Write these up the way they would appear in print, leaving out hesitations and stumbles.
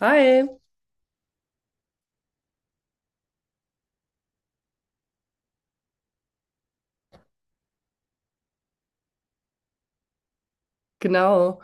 Hi, genau.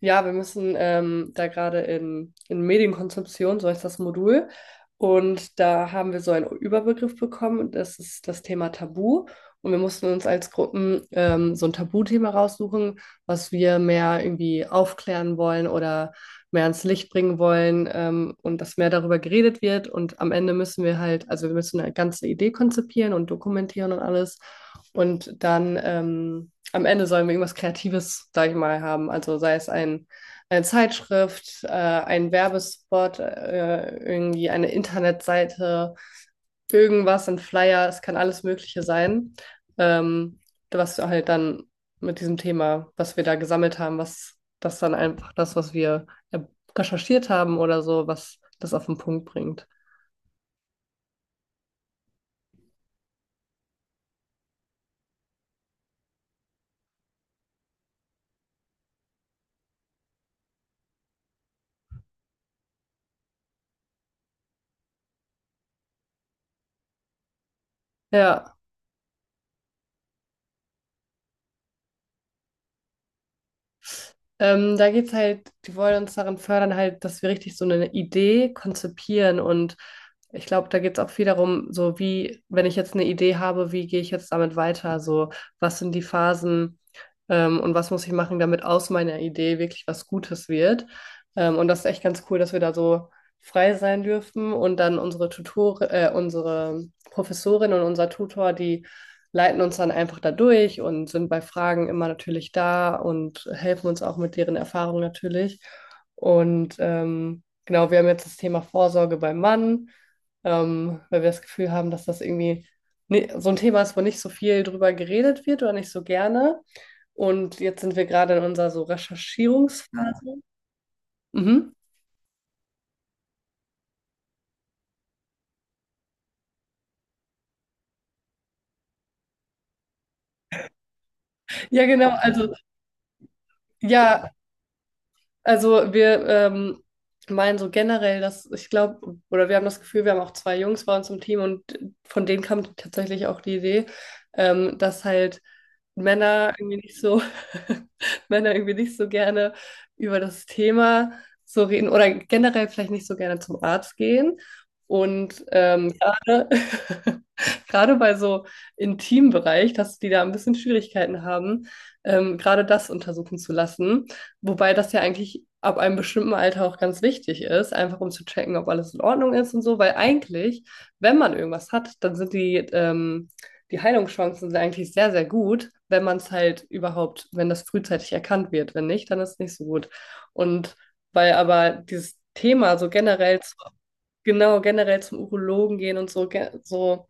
Ja, wir müssen da gerade in Medienkonsumption, so heißt das Modul. Und da haben wir so einen Überbegriff bekommen, und das ist das Thema Tabu. Und wir mussten uns als Gruppen so ein Tabuthema raussuchen, was wir mehr irgendwie aufklären wollen oder mehr ans Licht bringen wollen, und dass mehr darüber geredet wird. Und am Ende müssen wir halt, also wir müssen eine ganze Idee konzipieren und dokumentieren und alles. Und dann am Ende sollen wir irgendwas Kreatives, sag ich mal, haben. Also sei es ein, eine Zeitschrift, ein Werbespot, irgendwie eine Internetseite, irgendwas, ein Flyer, es kann alles Mögliche sein, ähm, was halt dann mit diesem Thema, was wir da gesammelt haben, was das dann einfach das, was wir recherchiert haben oder so, was das auf den Punkt bringt. Ja. Da geht's halt, die wollen uns darin fördern, halt, dass wir richtig so eine Idee konzipieren. Und ich glaube, da geht's auch viel darum, so wie, wenn ich jetzt eine Idee habe, wie gehe ich jetzt damit weiter? So, was sind die Phasen? Und was muss ich machen, damit aus meiner Idee wirklich was Gutes wird. Und das ist echt ganz cool, dass wir da so frei sein dürfen und dann unsere Tutor, unsere Professorin und unser Tutor, die leiten uns dann einfach da durch und sind bei Fragen immer natürlich da und helfen uns auch mit deren Erfahrung natürlich. Und genau, wir haben jetzt das Thema Vorsorge beim Mann, weil wir das Gefühl haben, dass das irgendwie so ein Thema ist, wo nicht so viel drüber geredet wird oder nicht so gerne. Und jetzt sind wir gerade in unserer so Recherchierungsphase. Mhm. Ja, genau. Also, ja, also wir meinen so generell, dass ich glaube, oder wir haben das Gefühl, wir haben auch zwei Jungs bei uns im Team und von denen kam tatsächlich auch die Idee, dass halt Männer irgendwie nicht so, Männer irgendwie nicht so gerne über das Thema so reden oder generell vielleicht nicht so gerne zum Arzt gehen. Und gerade gerade bei so intimen Bereich, dass die da ein bisschen Schwierigkeiten haben, gerade das untersuchen zu lassen. Wobei das ja eigentlich ab einem bestimmten Alter auch ganz wichtig ist, einfach um zu checken, ob alles in Ordnung ist und so, weil eigentlich, wenn man irgendwas hat, dann sind die, die Heilungschancen sind eigentlich sehr, sehr gut, wenn man es halt überhaupt, wenn das frühzeitig erkannt wird. Wenn nicht, dann ist es nicht so gut. Und weil aber dieses Thema so generell zu genau generell zum Urologen gehen und so, so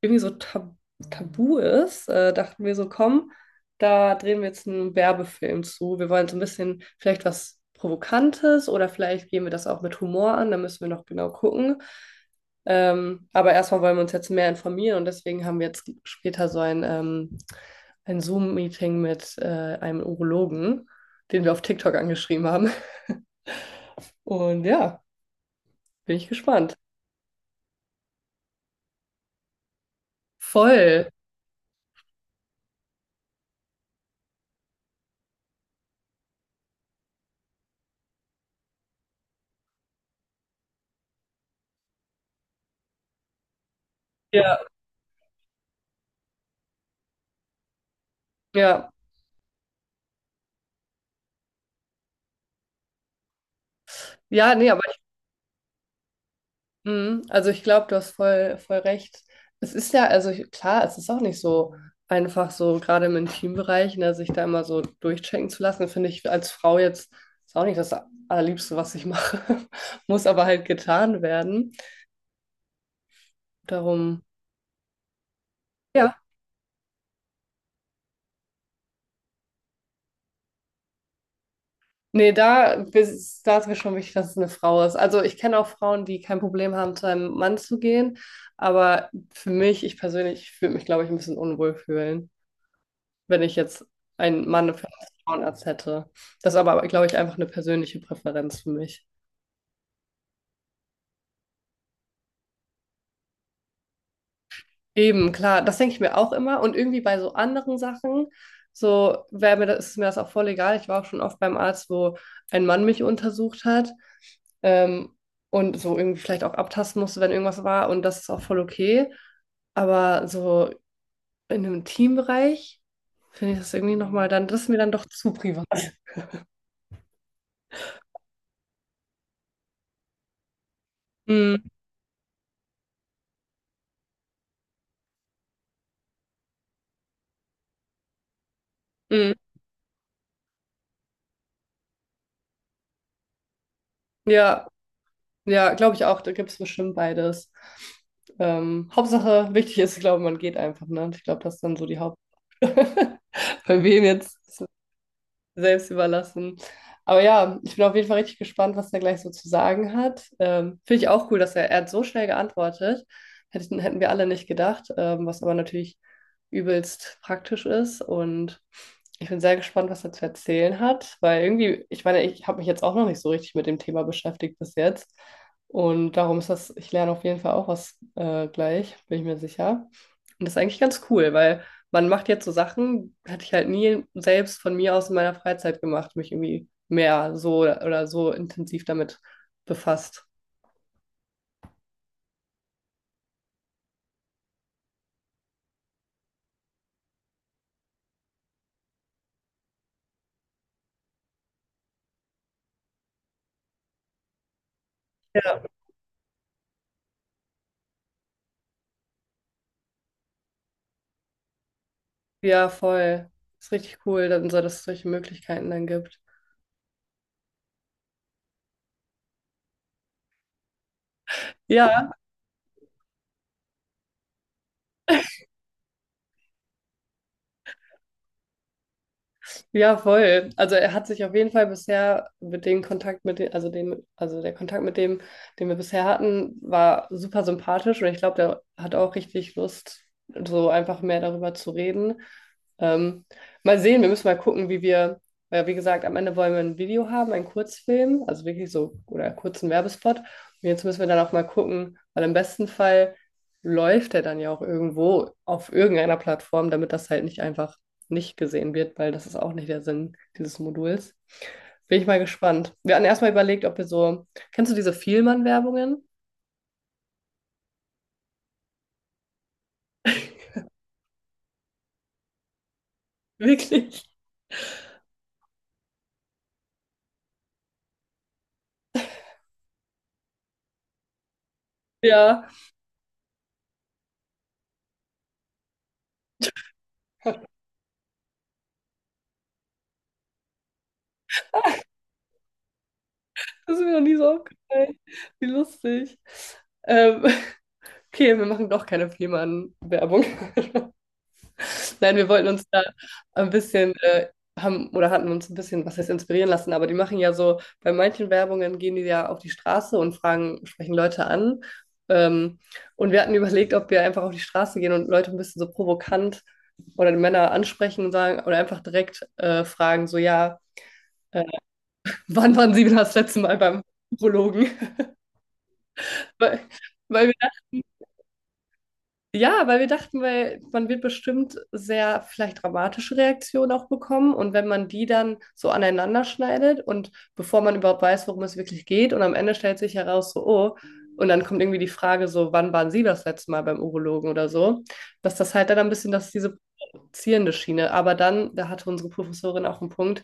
irgendwie so tabu ist, dachten wir so, komm, da drehen wir jetzt einen Werbefilm zu. Wir wollen so ein bisschen vielleicht was Provokantes oder vielleicht gehen wir das auch mit Humor an, da müssen wir noch genau gucken. Aber erstmal wollen wir uns jetzt mehr informieren und deswegen haben wir jetzt später so ein Zoom-Meeting mit einem Urologen, den wir auf TikTok angeschrieben haben. Und ja, bin ich gespannt. Voll. Ja. Ja, ja, nee, aber ich, mhm, also ich glaube, du hast voll recht. Es ist ja, also ich, klar, es ist auch nicht so einfach so, gerade im Intimbereich, ne, sich da immer so durchchecken zu lassen, finde ich als Frau jetzt, ist auch nicht das Allerliebste, was ich mache, muss aber halt getan werden. Darum, ja, nee, da, da ist mir schon wichtig, dass es eine Frau ist. Also ich kenne auch Frauen, die kein Problem haben, zu einem Mann zu gehen, aber für mich, ich persönlich, ich würde mich, glaube ich, ein bisschen unwohl fühlen, wenn ich jetzt einen Mann für einen Frauenarzt hätte. Das ist aber, glaube ich, einfach eine persönliche Präferenz für mich. Eben, klar, das denke ich mir auch immer. Und irgendwie bei so anderen Sachen, so wäre mir das, ist mir das auch voll egal. Ich war auch schon oft beim Arzt, wo ein Mann mich untersucht hat. Ähm, und so irgendwie vielleicht auch abtasten musste, wenn irgendwas war. Und das ist auch voll okay. Aber so in einem Teambereich finde ich das irgendwie nochmal dann, das ist mir dann doch zu privat. Mm, mm, ja. Ja, glaube ich auch, da gibt es bestimmt beides. Hauptsache, wichtig ist, ich glaube, man geht einfach, ne? Ich glaube, das ist dann so die Haupt. Bei wem jetzt selbst überlassen. Aber ja, ich bin auf jeden Fall richtig gespannt, was er gleich so zu sagen hat. Finde ich auch cool, dass er hat so schnell geantwortet. Hätten wir alle nicht gedacht, was aber natürlich übelst praktisch ist. Und ich bin sehr gespannt, was er zu erzählen hat, weil irgendwie, ich meine, ich habe mich jetzt auch noch nicht so richtig mit dem Thema beschäftigt bis jetzt. Und darum ist das, ich lerne auf jeden Fall auch was gleich, bin ich mir sicher. Und das ist eigentlich ganz cool, weil man macht jetzt so Sachen, hatte ich halt nie selbst von mir aus in meiner Freizeit gemacht, mich irgendwie mehr so oder so intensiv damit befasst. Ja, ja, voll. Ist richtig cool, dann so, dass es solche Möglichkeiten dann gibt. Ja. Ja, voll. Also er hat sich auf jeden Fall bisher mit dem Kontakt mit dem, also der Kontakt mit dem, den wir bisher hatten, war super sympathisch und ich glaube, der hat auch richtig Lust, so einfach mehr darüber zu reden. Ähm, mal sehen, wir müssen mal gucken, wie wir, weil wie gesagt, am Ende wollen wir ein Video haben, einen Kurzfilm, also wirklich so, oder einen kurzen Werbespot. Und jetzt müssen wir dann auch mal gucken, weil im besten Fall läuft der dann ja auch irgendwo auf irgendeiner Plattform, damit das halt nicht einfach nicht gesehen wird, weil das ist auch nicht der Sinn dieses Moduls. Bin ich mal gespannt. Wir hatten erstmal überlegt, ob wir so. Kennst du diese Vielmann-Werbungen? Wirklich? Ja, das ist mir noch nie so aufgefallen. Wie lustig. Ähm, okay, wir machen doch keine Vielmann-Werbung. Nein, wir wollten uns da ein bisschen, haben oder hatten uns ein bisschen, was heißt inspirieren lassen, aber die machen ja so, bei manchen Werbungen gehen die ja auf die Straße und fragen, sprechen Leute an. Ähm, und wir hatten überlegt, ob wir einfach auf die Straße gehen und Leute ein bisschen so provokant oder die Männer ansprechen und sagen oder einfach direkt fragen, so ja, äh, wann waren Sie das letzte Mal beim Urologen? Weil, weil wir ja, weil wir dachten, weil man wird bestimmt sehr vielleicht dramatische Reaktionen auch bekommen. Und wenn man die dann so aneinander schneidet und bevor man überhaupt weiß, worum es wirklich geht, und am Ende stellt sich heraus, so, oh, und dann kommt irgendwie die Frage, so, wann waren Sie das letzte Mal beim Urologen oder so, dass das halt dann ein bisschen, dass diese provozierende Schiene. Aber dann, da hatte unsere Professorin auch einen Punkt,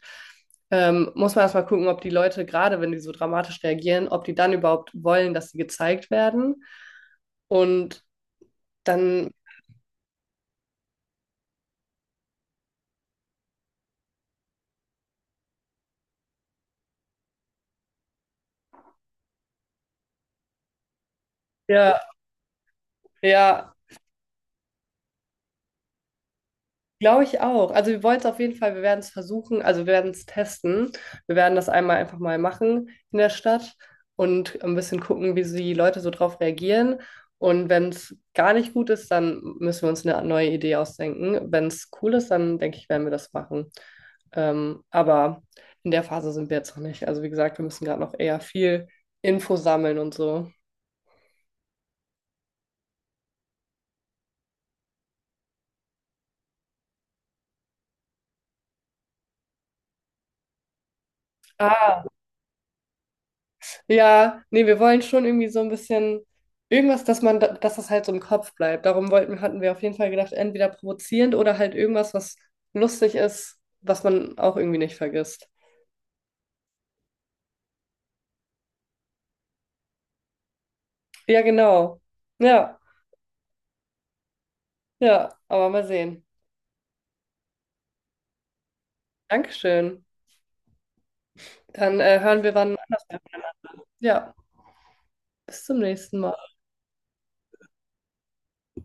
muss man erstmal gucken, ob die Leute, gerade wenn die so dramatisch reagieren, ob die dann überhaupt wollen, dass sie gezeigt werden. Und dann ja, ja, glaube ich auch. Also wir wollen es auf jeden Fall, wir werden es versuchen, also wir werden es testen. Wir werden das einmal einfach mal machen in der Stadt und ein bisschen gucken, wie so die Leute so drauf reagieren. Und wenn es gar nicht gut ist, dann müssen wir uns eine neue Idee ausdenken. Wenn es cool ist, dann denke ich, werden wir das machen. Aber in der Phase sind wir jetzt noch nicht. Also wie gesagt, wir müssen gerade noch eher viel Info sammeln und so. Ja, nee, wir wollen schon irgendwie so ein bisschen irgendwas, dass man, dass das halt so im Kopf bleibt. Darum wollten, hatten wir auf jeden Fall gedacht, entweder provozierend oder halt irgendwas, was lustig ist, was man auch irgendwie nicht vergisst. Ja, genau. Ja, ja, aber mal sehen. Dankeschön. Dann hören wir wann. Ja, bis zum nächsten Mal.